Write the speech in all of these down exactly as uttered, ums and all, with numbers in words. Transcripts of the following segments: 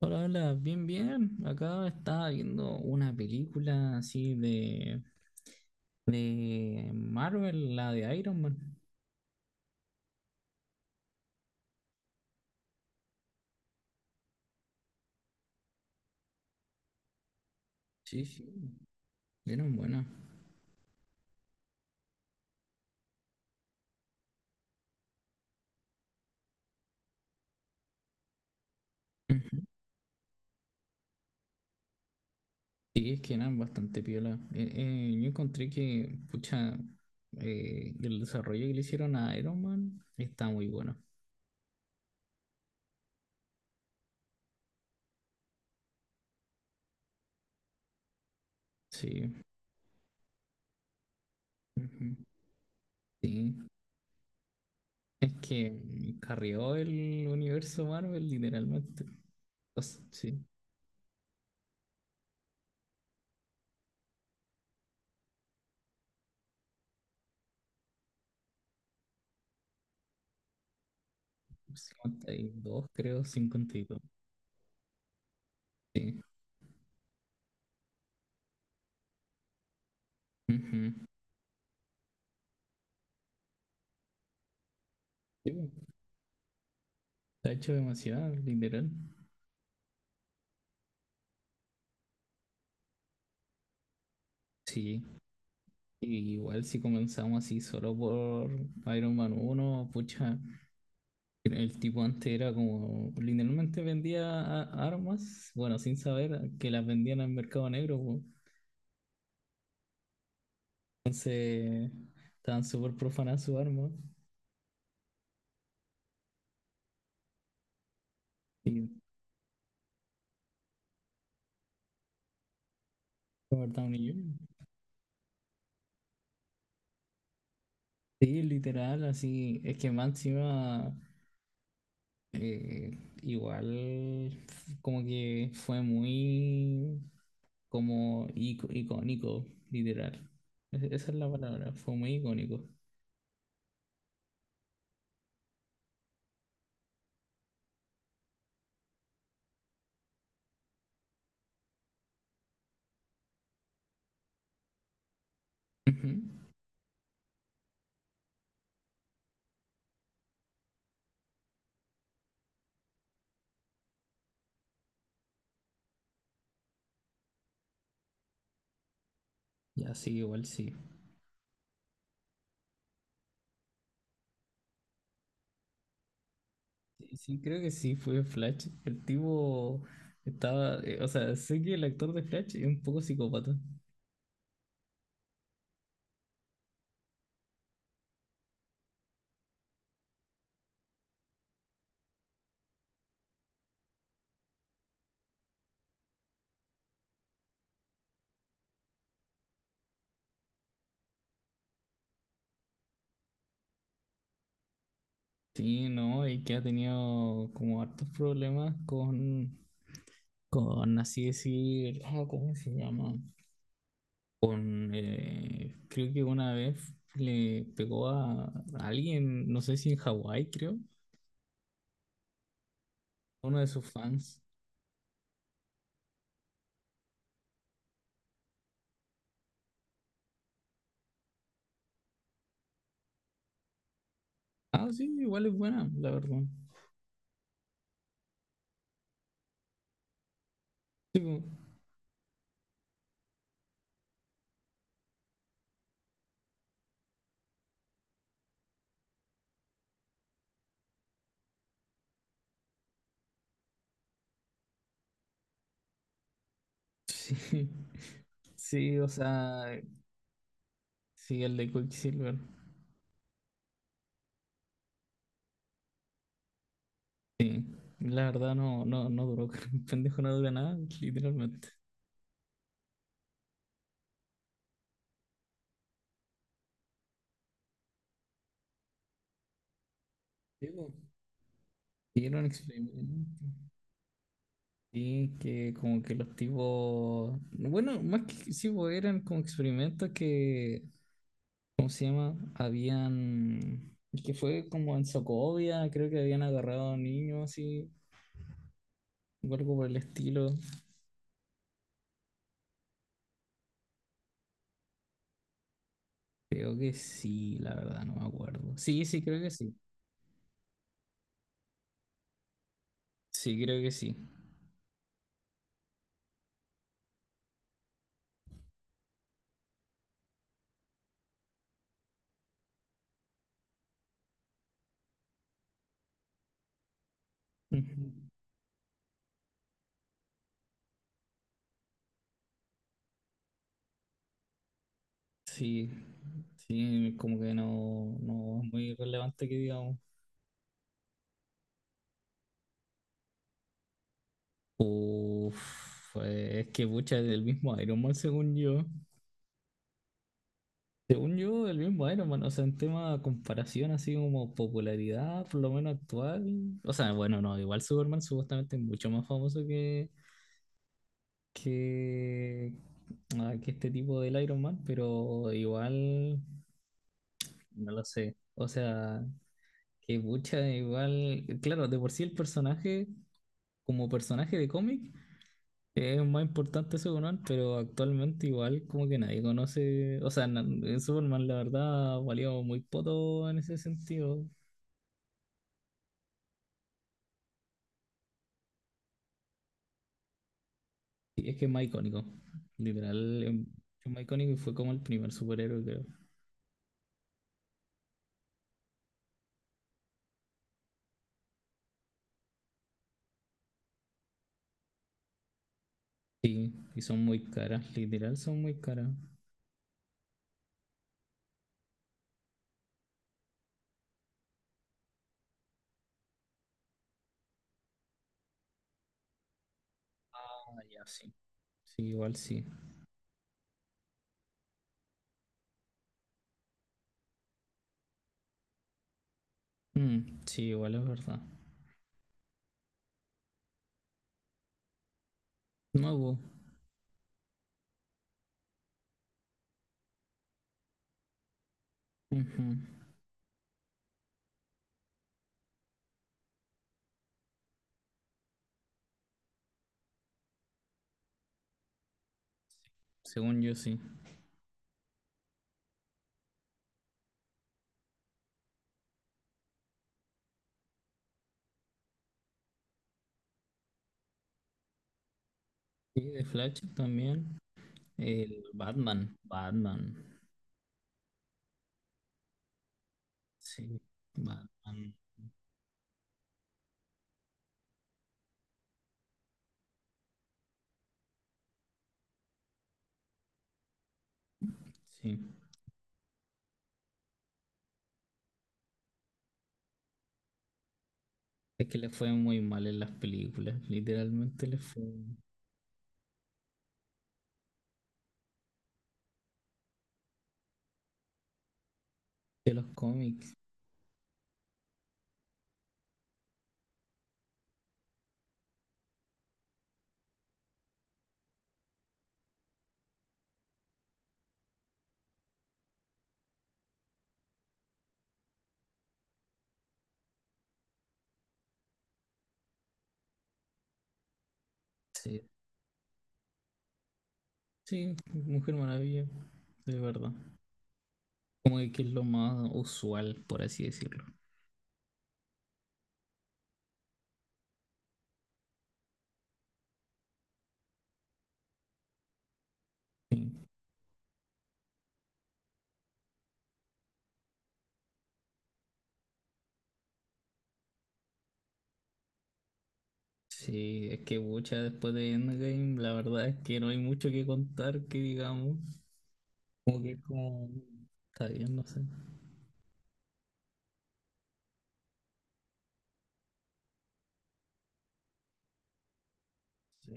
Hola, hola, bien, bien. Acá estaba viendo una película así de, de Marvel, la de Iron Man. Sí, sí, eran buenas. Ujú. Sí, es que eran bastante piola. Eh, eh, yo encontré que, pucha, eh, el desarrollo que le hicieron a Iron Man está muy bueno. Sí, ujú, sí. Es que carrió el universo Marvel literalmente. Dos- Sí, cincuenta y dos creo, cincuenta y dos. Sí. Ujú. Sí, po. Está hecho demasiado, literal. Sí. Y igual si comenzamos así solo por Iron Man uno pucha, el tipo antes era como, literalmente vendía a- armas, bueno, sin saber que las vendían al mercado negro, po. Entonces, estaban súper profanadas sus armas. Y Robert Downey júnior Sí, literal, así, es que máxima, eh, igual, como que fue muy como ico- icónico, literal. E- Esa es la palabra, fue muy icónico. Ujú. Ya sí, igual sí. Sí, sí, creo que sí, fue Flash. El tipo estaba, eh, o sea, sé que el actor de Flash es un poco psicópata. Sí, no, y que ha tenido como hartos problemas con, con así decir, ah, ¿cómo se llama? Con, eh, creo que una vez le pegó a alguien, no sé si en Hawái, creo, a uno de sus fans. Ah, sí, igual es buena, la verdad. Sí, po. sí, sí, o sea, sí, el de Quicksilver. La verdad no, no, no duró, el pendejo no dura nada, literalmente. Sí, po. Sí, era un experimento. Sí, que como que los tipos, bueno, más que sí, po, eran como experimentos que, ¿cómo se llama? Habían, que fue como en Socovia, creo que habían agarrado a niños así, o algo por el estilo. Creo que sí, la verdad, no me acuerdo. Sí, sí, creo que sí. Sí, creo que sí. Ujú. Sí, sí, como que no, no es muy relevante que digamos. Uf, eh, es que pucha, es del mismo Iron Man, según yo. Según yo, el mismo Iron Man, o sea, en tema de comparación, así como popularidad, por lo menos actual. O sea, bueno, no, igual Superman supuestamente es mucho más famoso que, que, ah, que este tipo del Iron Man, pero igual. No lo sé. O sea, que mucha igual. Claro, de por sí el personaje, como personaje de cómic, es más importante Superman, pero actualmente igual como que nadie conoce. O sea, na- en Superman la verdad valió muy poco en ese sentido. Y es que es más icónico. Literal, es es más icónico y fue como el primer superhéroe, creo. Sí, y son muy caras, literal son muy caras. Ah, ya, sí. Sí, igual sí. Mm, sí, igual es verdad. No hubo. Ujú. Según yo sí. Sí, de Flash también. El Batman. Batman. Sí. Batman. Sí. Es que le fue muy mal en las películas. Literalmente le fue de los cómics. Sí. Sí, Mujer Maravilla. De verdad. Como que es lo más usual, por así decirlo. Sí. Sí, es que mucha después de Endgame, la verdad es que no hay mucho que contar que digamos. Como que es como. Está bien, no sé. Sí.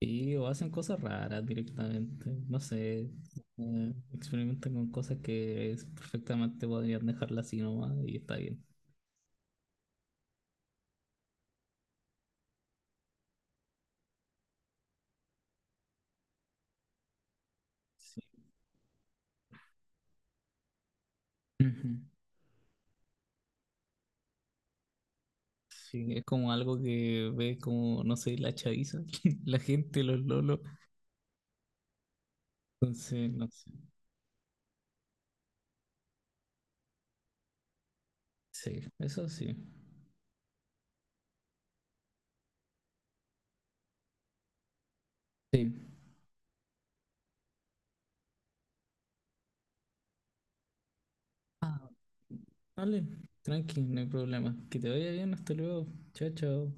Sí, o hacen cosas raras directamente, no sé, eh, experimentan con cosas que es- perfectamente podrían dejarla así nomás y está bien. Sí, ujú. Sí, es como algo que ve como, no sé, la chaviza, la gente, los lolos. Entonces, no sé. Sí, eso sí. Sí. Ah, vale, tranqui, no hay problema. Que te vaya bien, hasta luego. Chao, chao.